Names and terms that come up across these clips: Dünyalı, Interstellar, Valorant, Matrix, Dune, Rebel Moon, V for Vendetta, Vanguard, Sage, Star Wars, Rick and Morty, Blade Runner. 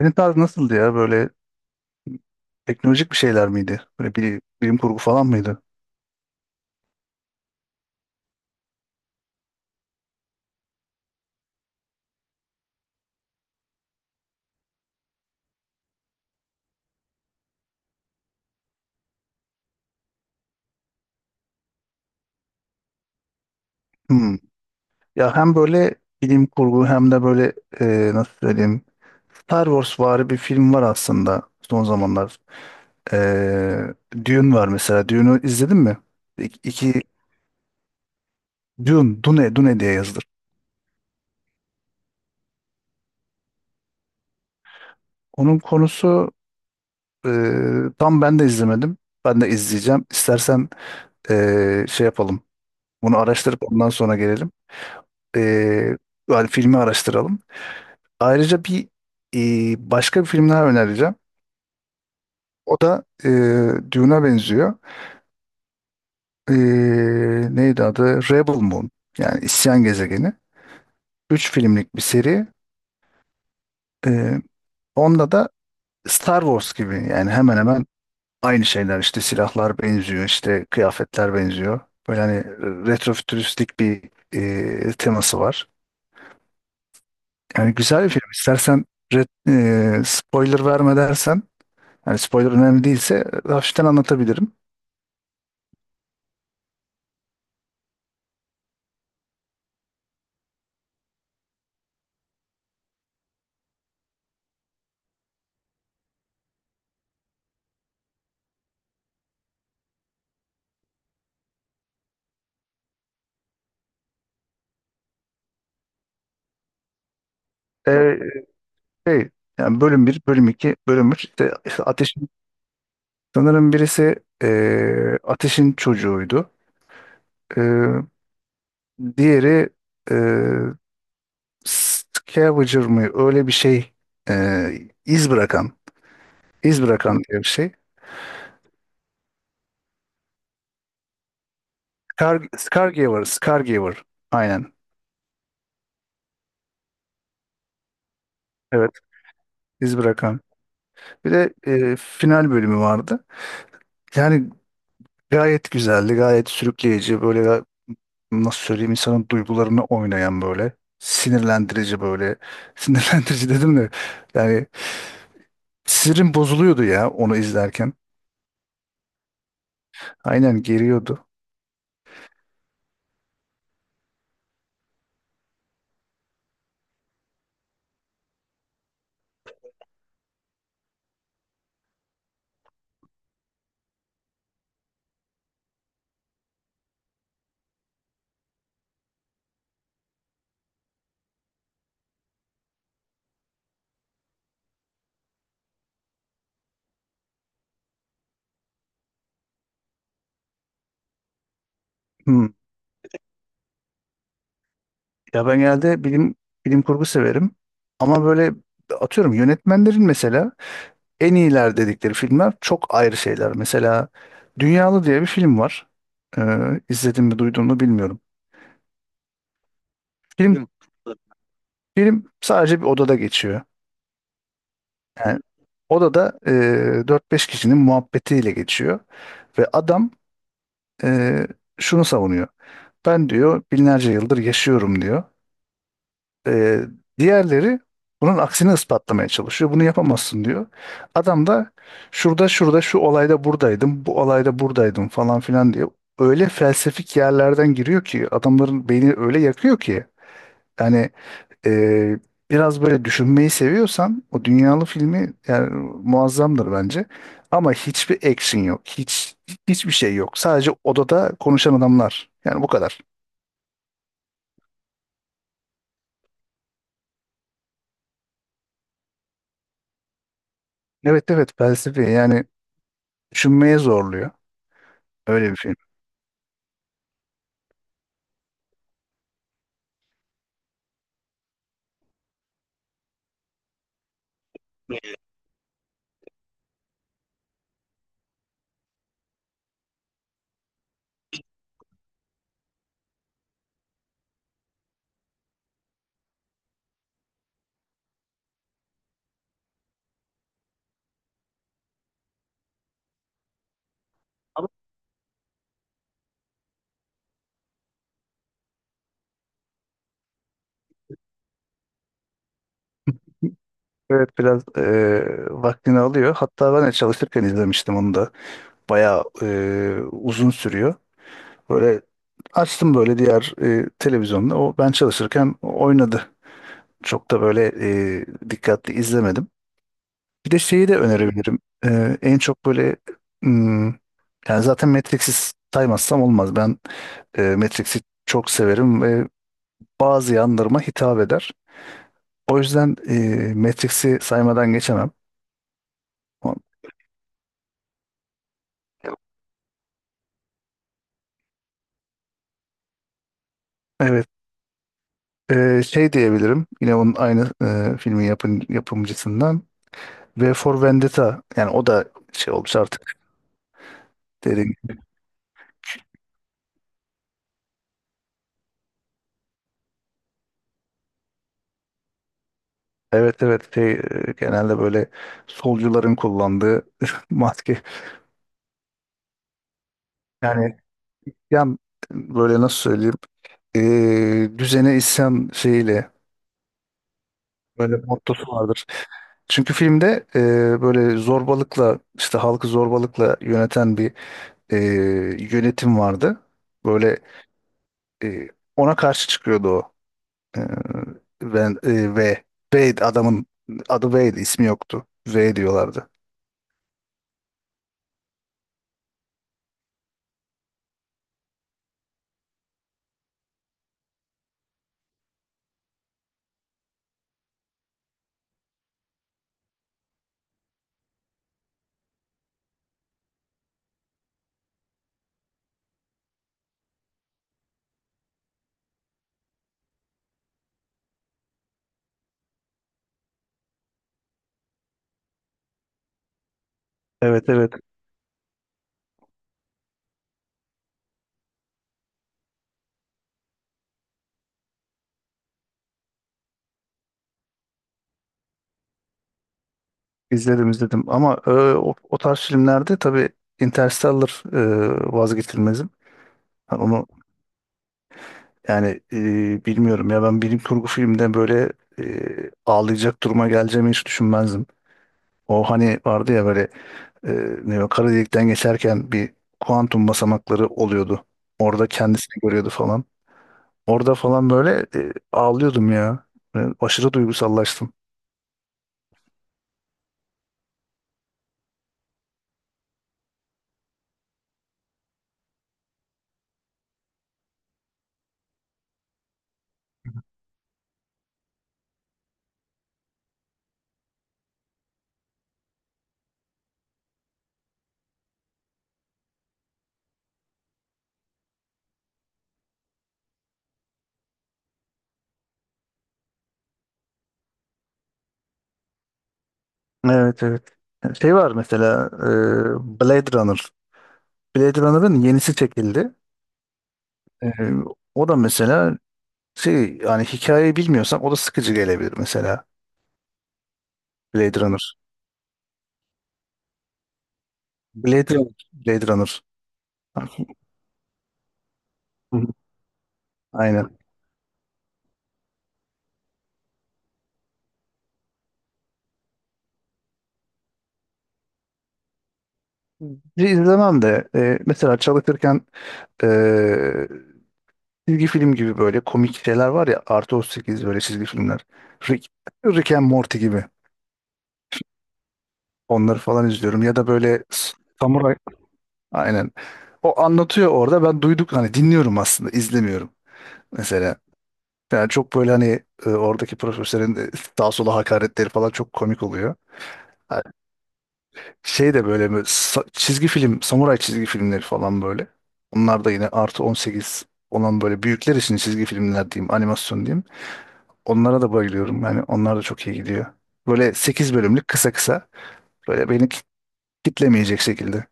Senin tarz nasıldı ya? Böyle teknolojik bir şeyler miydi? Böyle bir, bilim kurgu falan mıydı? Hmm. Ya hem böyle bilim kurgu hem de böyle nasıl söyleyeyim, Star Wars vari bir film var aslında son zamanlar. E, Dune var mesela. Dune'u izledin mi? İki, Dune diye yazılır. Onun konusu, e, tam ben de izlemedim. Ben de izleyeceğim. İstersen şey yapalım. Bunu araştırıp ondan sonra gelelim. E, Yani filmi araştıralım. Ayrıca bir, başka bir film daha önereceğim. O da Dune'a benziyor. E, Neydi adı? Rebel Moon. Yani İsyan Gezegeni. Üç filmlik bir seri. E, Onda da Star Wars gibi, yani hemen hemen aynı şeyler. İşte silahlar benziyor, işte kıyafetler benziyor. Böyle hani retrofütüristik bir teması var. Yani güzel bir film. İstersen, spoiler verme dersen. Yani spoiler önemli değilse hafiften anlatabilirim. Ee, Şey, yani bölüm bir, bölüm iki, bölüm üç. İşte, Ateş'in sanırım birisi, Ateş'in çocuğuydu. Ee, Diğeri e, scavenger mı? Öyle bir şey, e, iz bırakan, iz bırakan diye bir şey. Scar, Scargiver, Scargiver. Aynen. Evet, iz bırakan. Bir de final bölümü vardı. Yani gayet güzeldi, gayet sürükleyici. Böyle, nasıl söyleyeyim, insanın duygularını oynayan böyle. Sinirlendirici böyle. Sinirlendirici dedim de, yani sinirim bozuluyordu ya onu izlerken. Aynen, geriyordu. Hmm. Ya ben genelde bilim kurgu severim. Ama böyle atıyorum, yönetmenlerin mesela en iyiler dedikleri filmler çok ayrı şeyler. Mesela Dünyalı diye bir film var. Ee, izledim mi, duydun mu bilmiyorum. Film film sadece bir odada geçiyor. Yani odada, 4-5 kişinin muhabbetiyle geçiyor. Ve adam, e, şunu savunuyor. Ben, diyor, binlerce yıldır yaşıyorum, diyor. Ee, Diğerleri bunun aksini ispatlamaya çalışıyor. Bunu yapamazsın diyor. Adam da şurada şurada şu olayda buradaydım, bu olayda buradaydım falan filan diye öyle felsefik yerlerden giriyor ki adamların beyni öyle yakıyor ki, yani e, biraz böyle düşünmeyi seviyorsan o dünyalı filmi, yani muazzamdır bence. Ama hiçbir action yok. Hiçbir şey yok. Sadece odada konuşan adamlar. Yani bu kadar. Evet, evet, felsefi, yani düşünmeye zorluyor. Öyle bir film. Evet, biraz vaktini alıyor. Hatta ben de çalışırken izlemiştim onu da. Bayağı uzun sürüyor. Böyle açtım böyle diğer, televizyonda. O ben çalışırken oynadı. Çok da böyle dikkatli izlemedim. Bir de şeyi de önerebilirim. En çok böyle, hmm, yani zaten Matrix'i saymazsam olmaz. Ben Matrix'i çok severim ve bazı yanlarıma hitap eder. O yüzden Matrix'i saymadan geçemem. Evet. Şey diyebilirim. Yine onun aynı, filmin yapımcısından. V for Vendetta. Yani o da şey olmuş artık. Derin. Evet, evet. Şey, genelde böyle solcuların kullandığı maske. Yani, yan böyle nasıl söyleyeyim? Düzene isyan şeyiyle böyle mottosu vardır. Çünkü filmde, böyle zorbalıkla, işte halkı zorbalıkla yöneten bir e, yönetim vardı. Böyle. E, Ona karşı çıkıyordu o. E, Ben, V. Wade adamın adı Wade ismi yoktu. V diyorlardı. Evet, evet, izledim izledim, ama o tarz filmlerde tabii Interstellar vazgeçilmezim. Yani onu. Yani, bilmiyorum ya, ben bilim kurgu filmde böyle ağlayacak duruma geleceğimi hiç düşünmezdim. O hani vardı ya, böyle e, ne, o kara delikten geçerken bir kuantum basamakları oluyordu. Orada kendisini görüyordu falan. Orada falan böyle ağlıyordum ya. Ben aşırı duygusallaştım. Evet, evet. Şey var mesela, Blade Runner. Blade Runner'ın yenisi çekildi. E, O da mesela şey, yani hikayeyi bilmiyorsan o da sıkıcı gelebilir mesela. Blade Runner. Blade Runner. Blade Runner. Hı hı. Aynen. Dizi izlemem de, mesela çalışırken e, çizgi film gibi böyle komik şeyler var ya, artı 38 böyle çizgi filmler. Rick, Rick and Morty gibi. Onları falan izliyorum. Ya da böyle, samuray. Aynen. O anlatıyor orada. Ben duyduk hani, dinliyorum aslında, izlemiyorum. Mesela, yani çok böyle hani oradaki profesörün sağa sola hakaretleri falan çok komik oluyor. Şey de böyle, böyle çizgi film, samuray çizgi filmleri falan böyle. Onlar da yine artı 18 olan böyle büyükler için çizgi filmler diyeyim, animasyon diyeyim. Onlara da bayılıyorum. Yani onlar da çok iyi gidiyor. Böyle 8 bölümlük, kısa kısa. Böyle beni kitlemeyecek şekilde.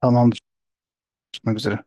Tamamdır, tutmak üzere.